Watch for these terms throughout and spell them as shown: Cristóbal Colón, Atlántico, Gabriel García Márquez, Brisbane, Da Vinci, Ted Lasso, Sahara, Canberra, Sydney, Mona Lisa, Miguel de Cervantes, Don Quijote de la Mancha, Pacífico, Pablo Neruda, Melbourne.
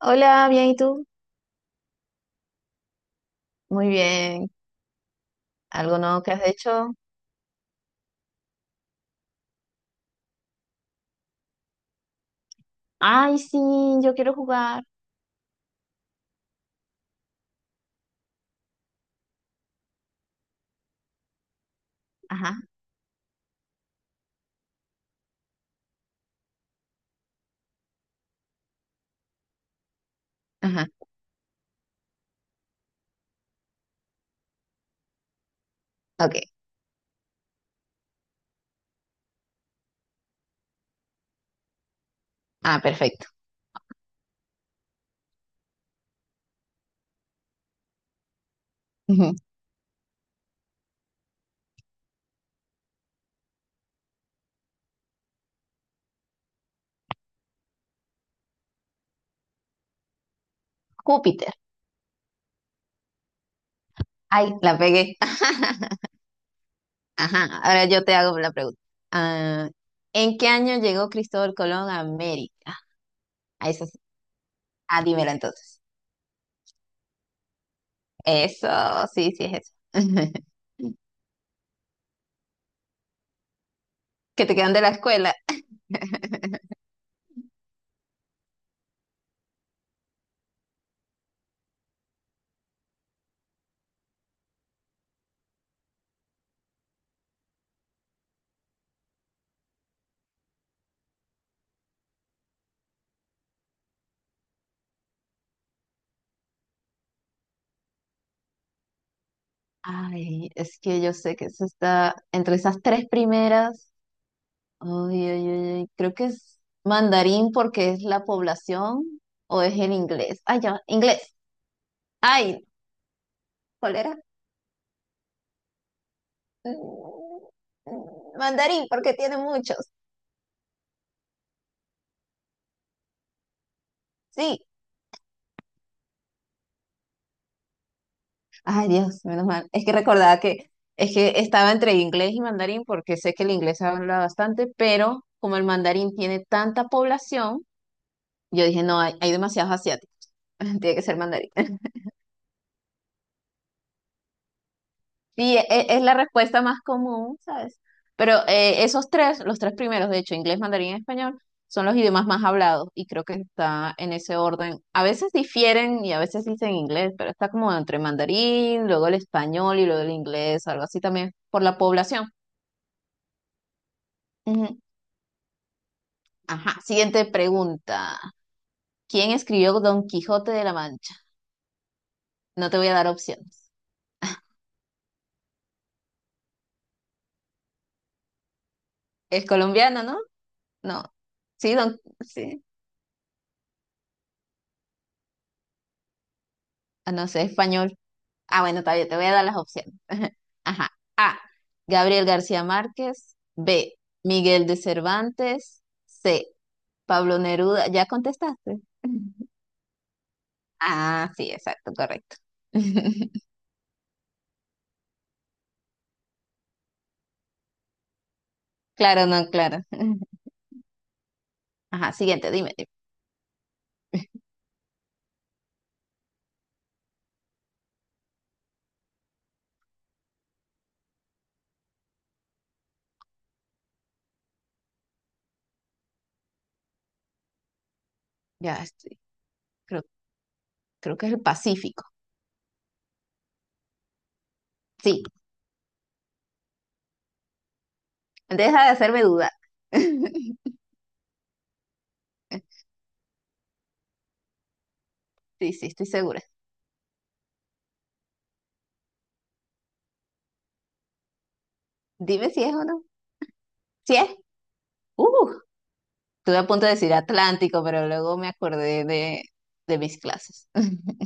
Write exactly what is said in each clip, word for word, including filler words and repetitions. Hola, bien, ¿y tú? Muy bien. ¿Algo nuevo que has hecho? Ay, sí, yo quiero jugar. Ajá, ajá. Ok. Ah, perfecto. Ujú. Júpiter. Ay, la pegué. Ajá, ahora yo te hago la pregunta. Ah, ¿en qué año llegó Cristóbal Colón a América? Ah, eso sí. Ah, dímela entonces. Eso, sí, sí es eso. Que te quedan de la escuela. Ay, es que yo sé que eso está entre esas tres primeras. Ay, ay, ay, ay, creo que es mandarín porque es la población o es el inglés. Ay, ya, inglés. Ay, ¿cuál era? Mm, mm, mandarín porque tiene muchos. Sí. Ay, Dios, menos mal. Es que recordaba que es que estaba entre inglés y mandarín porque sé que el inglés se habla bastante, pero como el mandarín tiene tanta población, yo dije, no, hay, hay demasiados asiáticos. Tiene que ser mandarín. Sí, e- e- es la respuesta más común, ¿sabes? Pero eh, esos tres, los tres primeros, de hecho, inglés, mandarín y español, son los idiomas más hablados y creo que está en ese orden. A veces difieren y a veces dicen inglés, pero está como entre mandarín, luego el español y luego el inglés, algo así también, por la población. Ujú. Ajá, siguiente pregunta. ¿Quién escribió Don Quijote de la Mancha? No te voy a dar opciones. Es colombiano, ¿no? No. Sí, don... sí. Ah, no sé, español. Ah, bueno, todavía te voy a dar las opciones. Ajá. A. Gabriel García Márquez. B. Miguel de Cervantes. C. Pablo Neruda. ¿Ya contestaste? Ah, sí, exacto, correcto. Claro, no, claro. Ajá, siguiente, dime, dime. Ya estoy. Creo, creo que es el Pacífico. Sí, deja de hacerme dudar. Sí, sí, estoy segura. Dime si es o no. Si es. Uh, estuve a punto de decir Atlántico, pero luego me acordé de, de mis clases.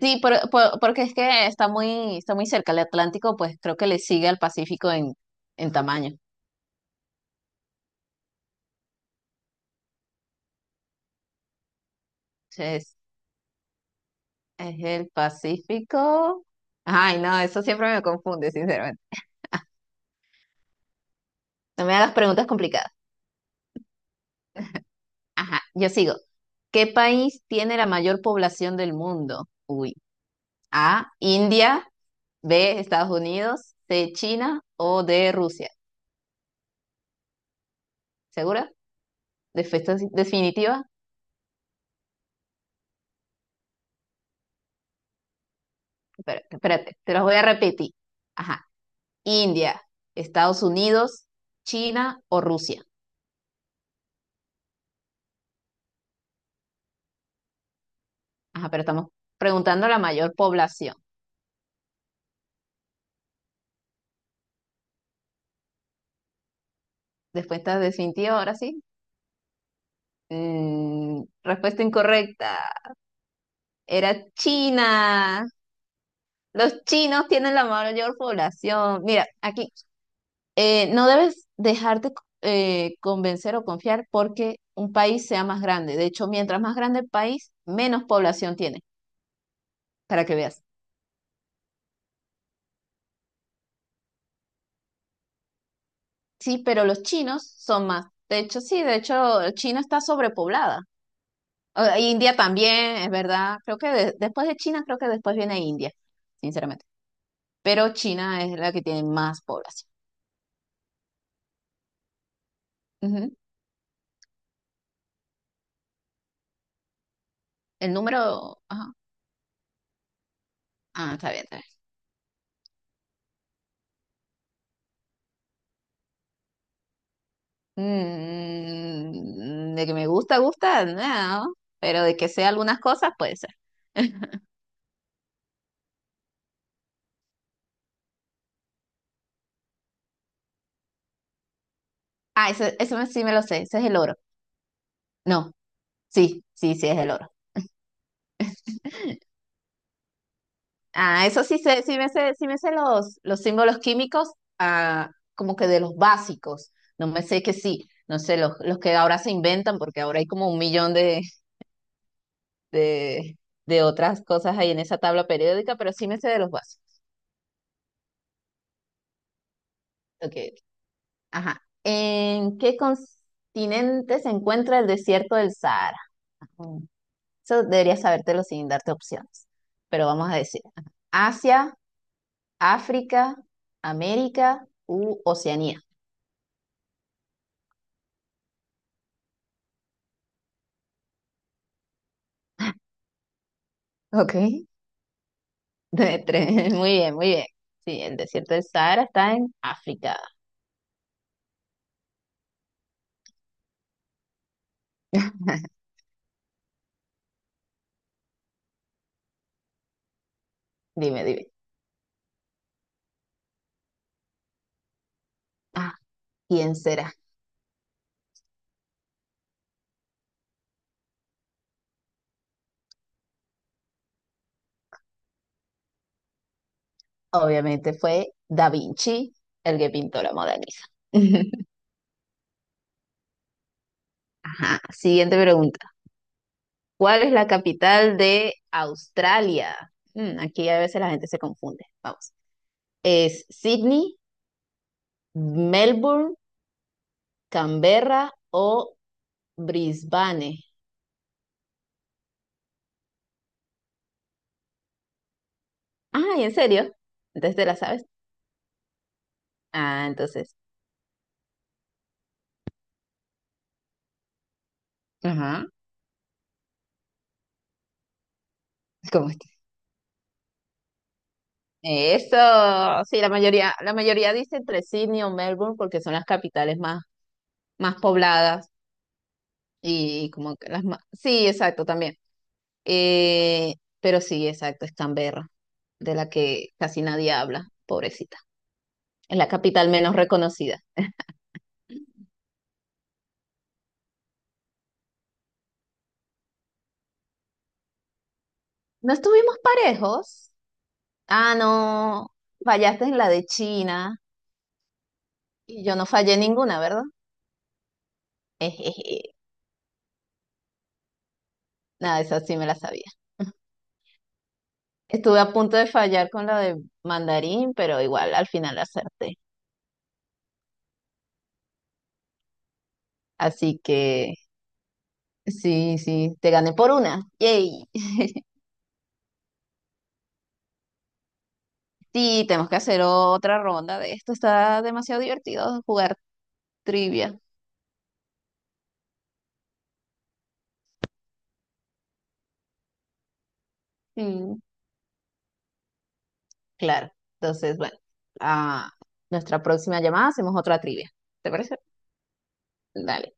Sí, por- por- porque es que está muy, está muy cerca. El Atlántico, pues creo que le sigue al Pacífico en, en tamaño. Entonces, es el Pacífico. Ay, no, eso siempre me confunde, sinceramente. No me hagas preguntas complicadas. Ajá, yo sigo. ¿Qué país tiene la mayor población del mundo? Uy. A, India, B, Estados Unidos, C, China o D, Rusia. ¿Segura? ¿Defe- ¿Definitiva? Espera- Espérate, te los voy a repetir. Ajá. India, Estados Unidos, China o Rusia. Ajá, pero estamos preguntando a la mayor población. Después estás definitiva, ahora sí. Mm, respuesta incorrecta. Era China. Los chinos tienen la mayor población. Mira, aquí eh, no debes dejarte eh, convencer o confiar porque un país sea más grande. De hecho, mientras más grande el país, menos población tiene, para que veas. Sí, pero los chinos son más. De hecho, sí, de hecho, China está sobrepoblada. O- e India también, es verdad. Creo que de- después de China, creo que después viene India, sinceramente. Pero China es la que tiene más población. Ujú. El número... ajá. Ah, está bien, está bien. Mm, de que me gusta, gusta, no. Pero de que sea algunas cosas, puede ser. Ah, eso, eso sí me lo sé. Ese es el oro. No, sí, sí, sí, es el oro. Ah, eso sí sé, sí me sé, sí me sé los, los símbolos químicos, ah, como que de los básicos. No me sé que sí, no sé, los, los que ahora se inventan, porque ahora hay como un millón de, de, de otras cosas ahí en esa tabla periódica, pero sí me sé de los básicos. Ok, ajá. ¿En qué continente se encuentra el desierto del Sahara? Mm, eso deberías sabértelo sin darte opciones, pero vamos a decir. Ajá. Asia, África, América u Oceanía. Ok. De tres. Muy bien, muy bien. Sí, el desierto del Sahara está en África. Dime, dime. Ah, ¿quién será? Obviamente fue Da Vinci, el que pintó la Mona Lisa. Ajá, siguiente pregunta. ¿Cuál es la capital de Australia? Mm, aquí a veces la gente se confunde. Vamos. ¿Es Sydney, Melbourne, Canberra o Brisbane? Ah, ¿en serio? Entonces te la sabes. Ah, entonces. Ajá. ¿Cómo eso, sí, la mayoría, la mayoría dice entre Sydney o Melbourne porque son las capitales más, más pobladas y como que las más, sí, exacto, también. Eh, pero sí, exacto, es Canberra, de la que casi nadie habla, pobrecita. Es la capital menos reconocida. ¿No estuvimos parejos? Ah, no, fallaste en la de China y yo no fallé ninguna, ¿verdad? Ejeje, nada, esa sí me la sabía. Estuve a punto de fallar con la de mandarín, pero igual al final acerté. Así que sí, sí, te gané por una. Yay. Sí, tenemos que hacer otra ronda de esto. Está demasiado divertido jugar trivia. Mm, claro. Entonces, bueno, a nuestra próxima llamada hacemos otra trivia. ¿Te parece? Dale.